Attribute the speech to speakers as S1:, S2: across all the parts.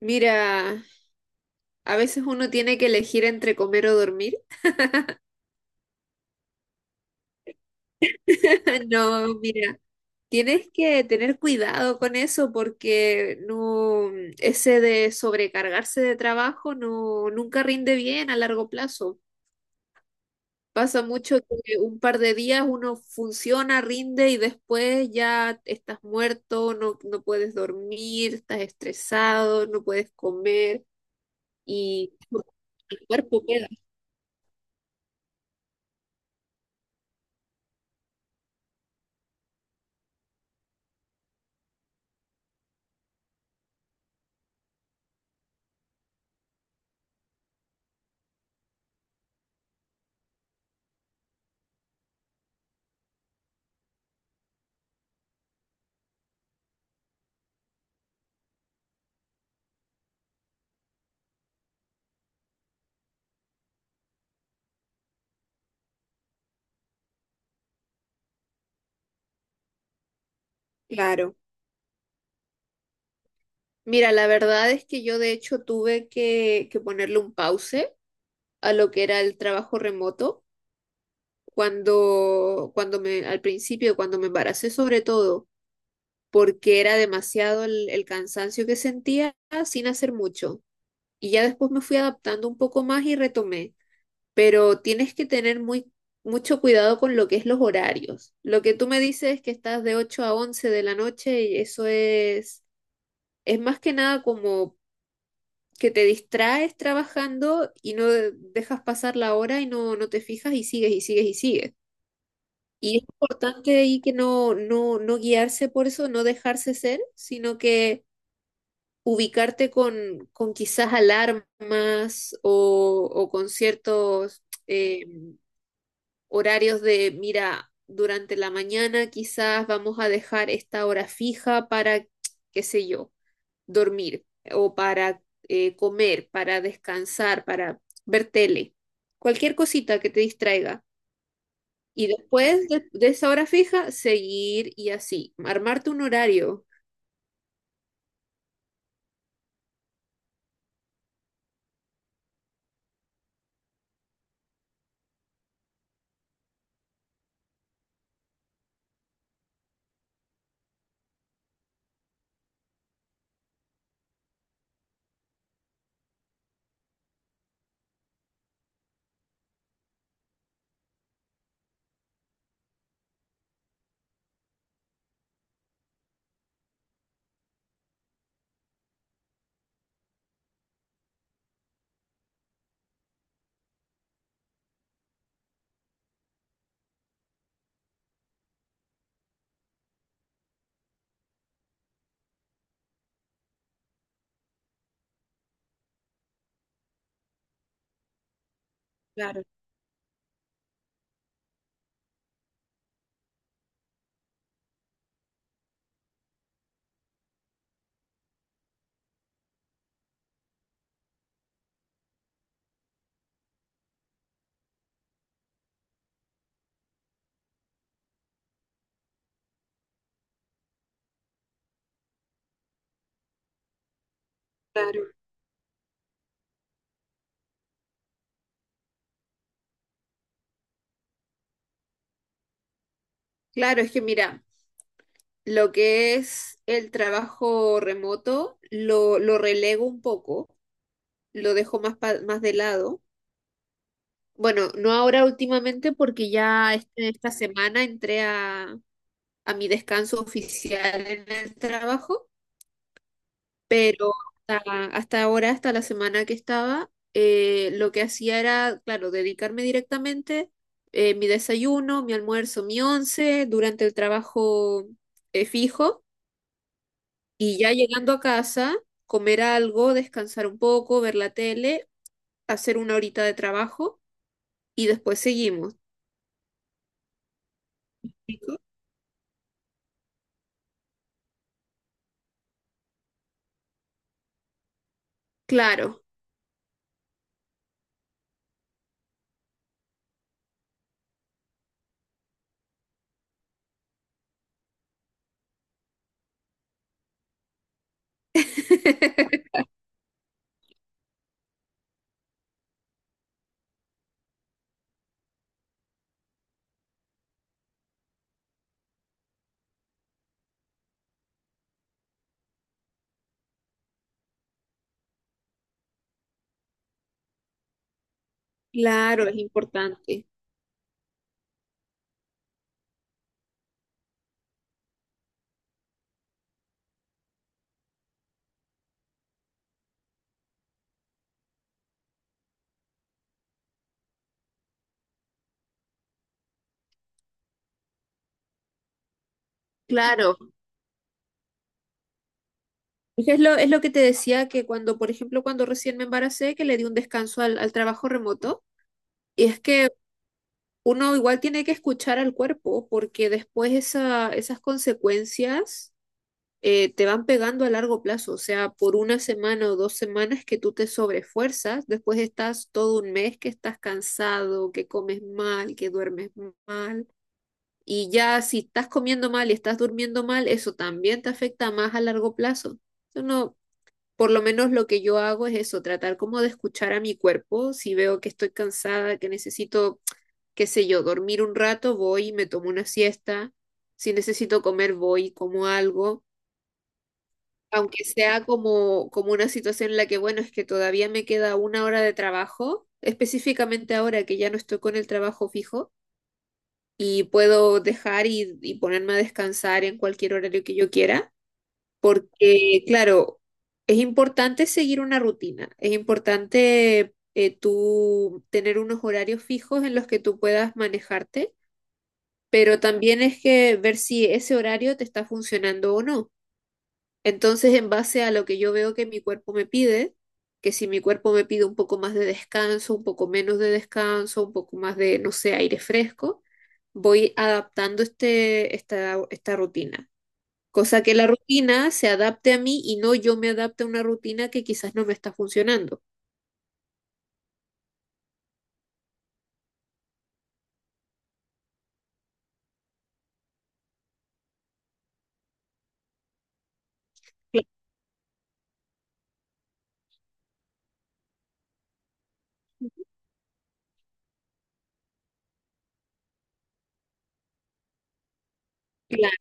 S1: Mira, a veces uno tiene que elegir entre comer o dormir. No, mira, tienes que tener cuidado con eso porque no, ese de sobrecargarse de trabajo no, nunca rinde bien a largo plazo. Pasa mucho que un par de días uno funciona, rinde y después ya estás muerto, no, no puedes dormir, estás estresado, no puedes comer y el cuerpo queda. Claro. Mira, la verdad es que yo de hecho tuve que ponerle un pause a lo que era el trabajo remoto al principio, cuando me embaracé sobre todo, porque era demasiado el cansancio que sentía sin hacer mucho. Y ya después me fui adaptando un poco más y retomé. Pero tienes que tener mucho cuidado con lo que es los horarios. Lo que tú me dices es que estás de 8 a 11 de la noche y eso es... Es más que nada como que te distraes trabajando y no dejas pasar la hora y no, no te fijas y sigues y sigues y sigues. Y es importante ahí que no, no, no guiarse por eso, no dejarse ser, sino que ubicarte con quizás alarmas o con ciertos horarios mira, durante la mañana quizás vamos a dejar esta hora fija para, qué sé yo, dormir o para comer, para descansar, para ver tele, cualquier cosita que te distraiga. Y después de esa hora fija, seguir y así, armarte un horario. Claro, claro, claro, es que mira, lo que es el trabajo remoto lo relego un poco, lo dejo más, más de lado. Bueno, no ahora últimamente porque ya esta semana entré a mi descanso oficial en el trabajo. Pero hasta ahora, hasta la semana que estaba, lo que hacía era, claro, dedicarme directamente, mi desayuno, mi almuerzo, mi once durante el trabajo, fijo, y ya llegando a casa, comer algo, descansar un poco, ver la tele, hacer una horita de trabajo y después seguimos. Claro, claro, es importante. Claro, es que es lo que te decía que cuando, por ejemplo, cuando recién me embaracé, que le di un descanso al, al trabajo remoto, y es que uno igual tiene que escuchar al cuerpo, porque después esas consecuencias, te van pegando a largo plazo, o sea, por una semana o 2 semanas que tú te sobrefuerzas, después estás todo un mes que estás cansado, que comes mal, que duermes mal. Y ya si estás comiendo mal y estás durmiendo mal, eso también te afecta más a largo plazo. Eso no, por lo menos lo que yo hago es eso, tratar como de escuchar a mi cuerpo. Si veo que estoy cansada, que necesito, qué sé yo, dormir un rato, voy y me tomo una siesta. Si necesito comer, voy y como algo. Aunque sea como, como una situación en la que, bueno, es que todavía me queda una hora de trabajo, específicamente ahora que ya no estoy con el trabajo fijo y puedo dejar y ponerme a descansar en cualquier horario que yo quiera, porque, claro, es importante seguir una rutina, es importante, tú tener unos horarios fijos en los que tú puedas manejarte, pero también es que ver si ese horario te está funcionando o no. Entonces, en base a lo que yo veo que mi cuerpo me pide, que si mi cuerpo me pide un poco más de descanso, un poco menos de descanso, un poco más de, no sé, aire fresco, voy adaptando este, esta rutina. Cosa que la rutina se adapte a mí y no yo me adapte a una rutina que quizás no me está funcionando. Cla- Claro,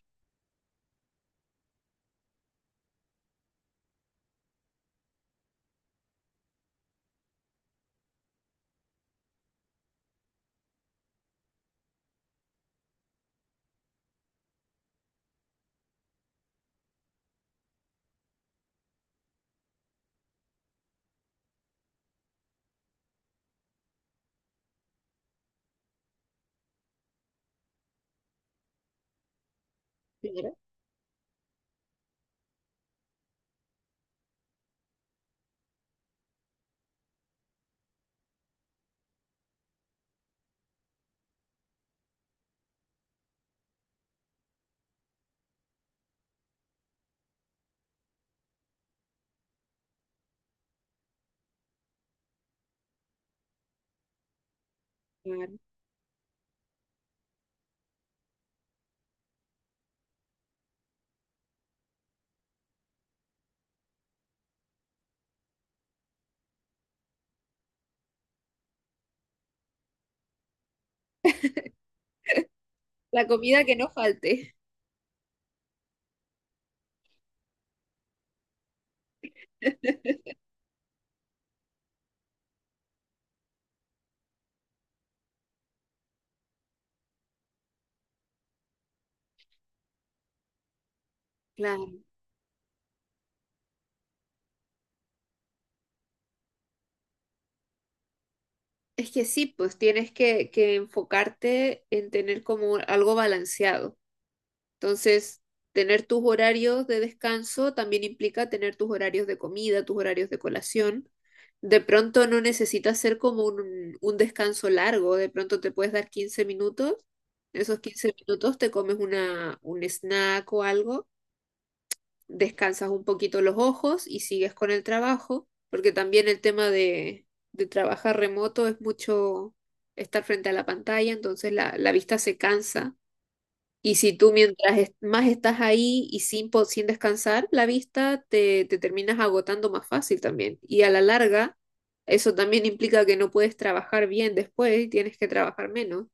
S1: claro, claro. La comida que no falte. Claro. Es que sí, pues tienes que enfocarte en tener como algo balanceado. Entonces, tener tus horarios de descanso también implica tener tus horarios de comida, tus horarios de colación. De pronto no necesitas ser como un descanso largo, de pronto te puedes dar 15 minutos, esos 15 minutos te comes un snack o algo, descansas un poquito los ojos y sigues con el trabajo, porque también el tema de trabajar remoto es mucho estar frente a la pantalla, entonces la vista se cansa, y si tú mientras más estás ahí y sin, sin descansar, la vista te terminas agotando más fácil también. Y a la larga, eso también implica que no puedes trabajar bien después y tienes que trabajar menos.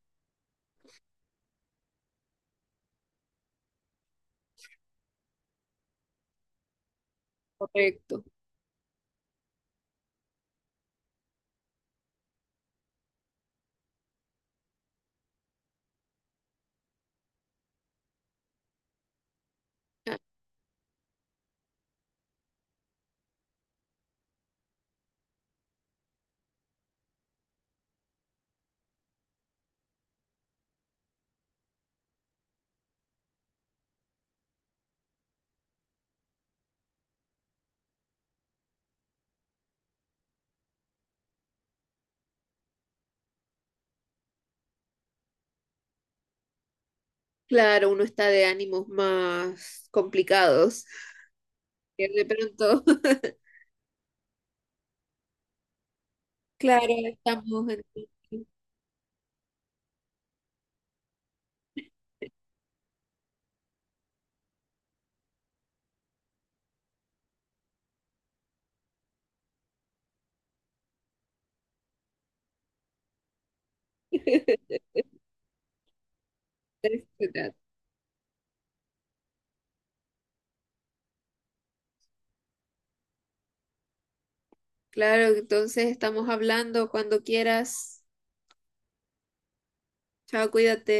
S1: Correcto. Ah, claro, uno está de ánimos más complicados. Que de pronto, claro, estamos en... Claro, entonces estamos hablando cuando quieras. Chao, cuídate.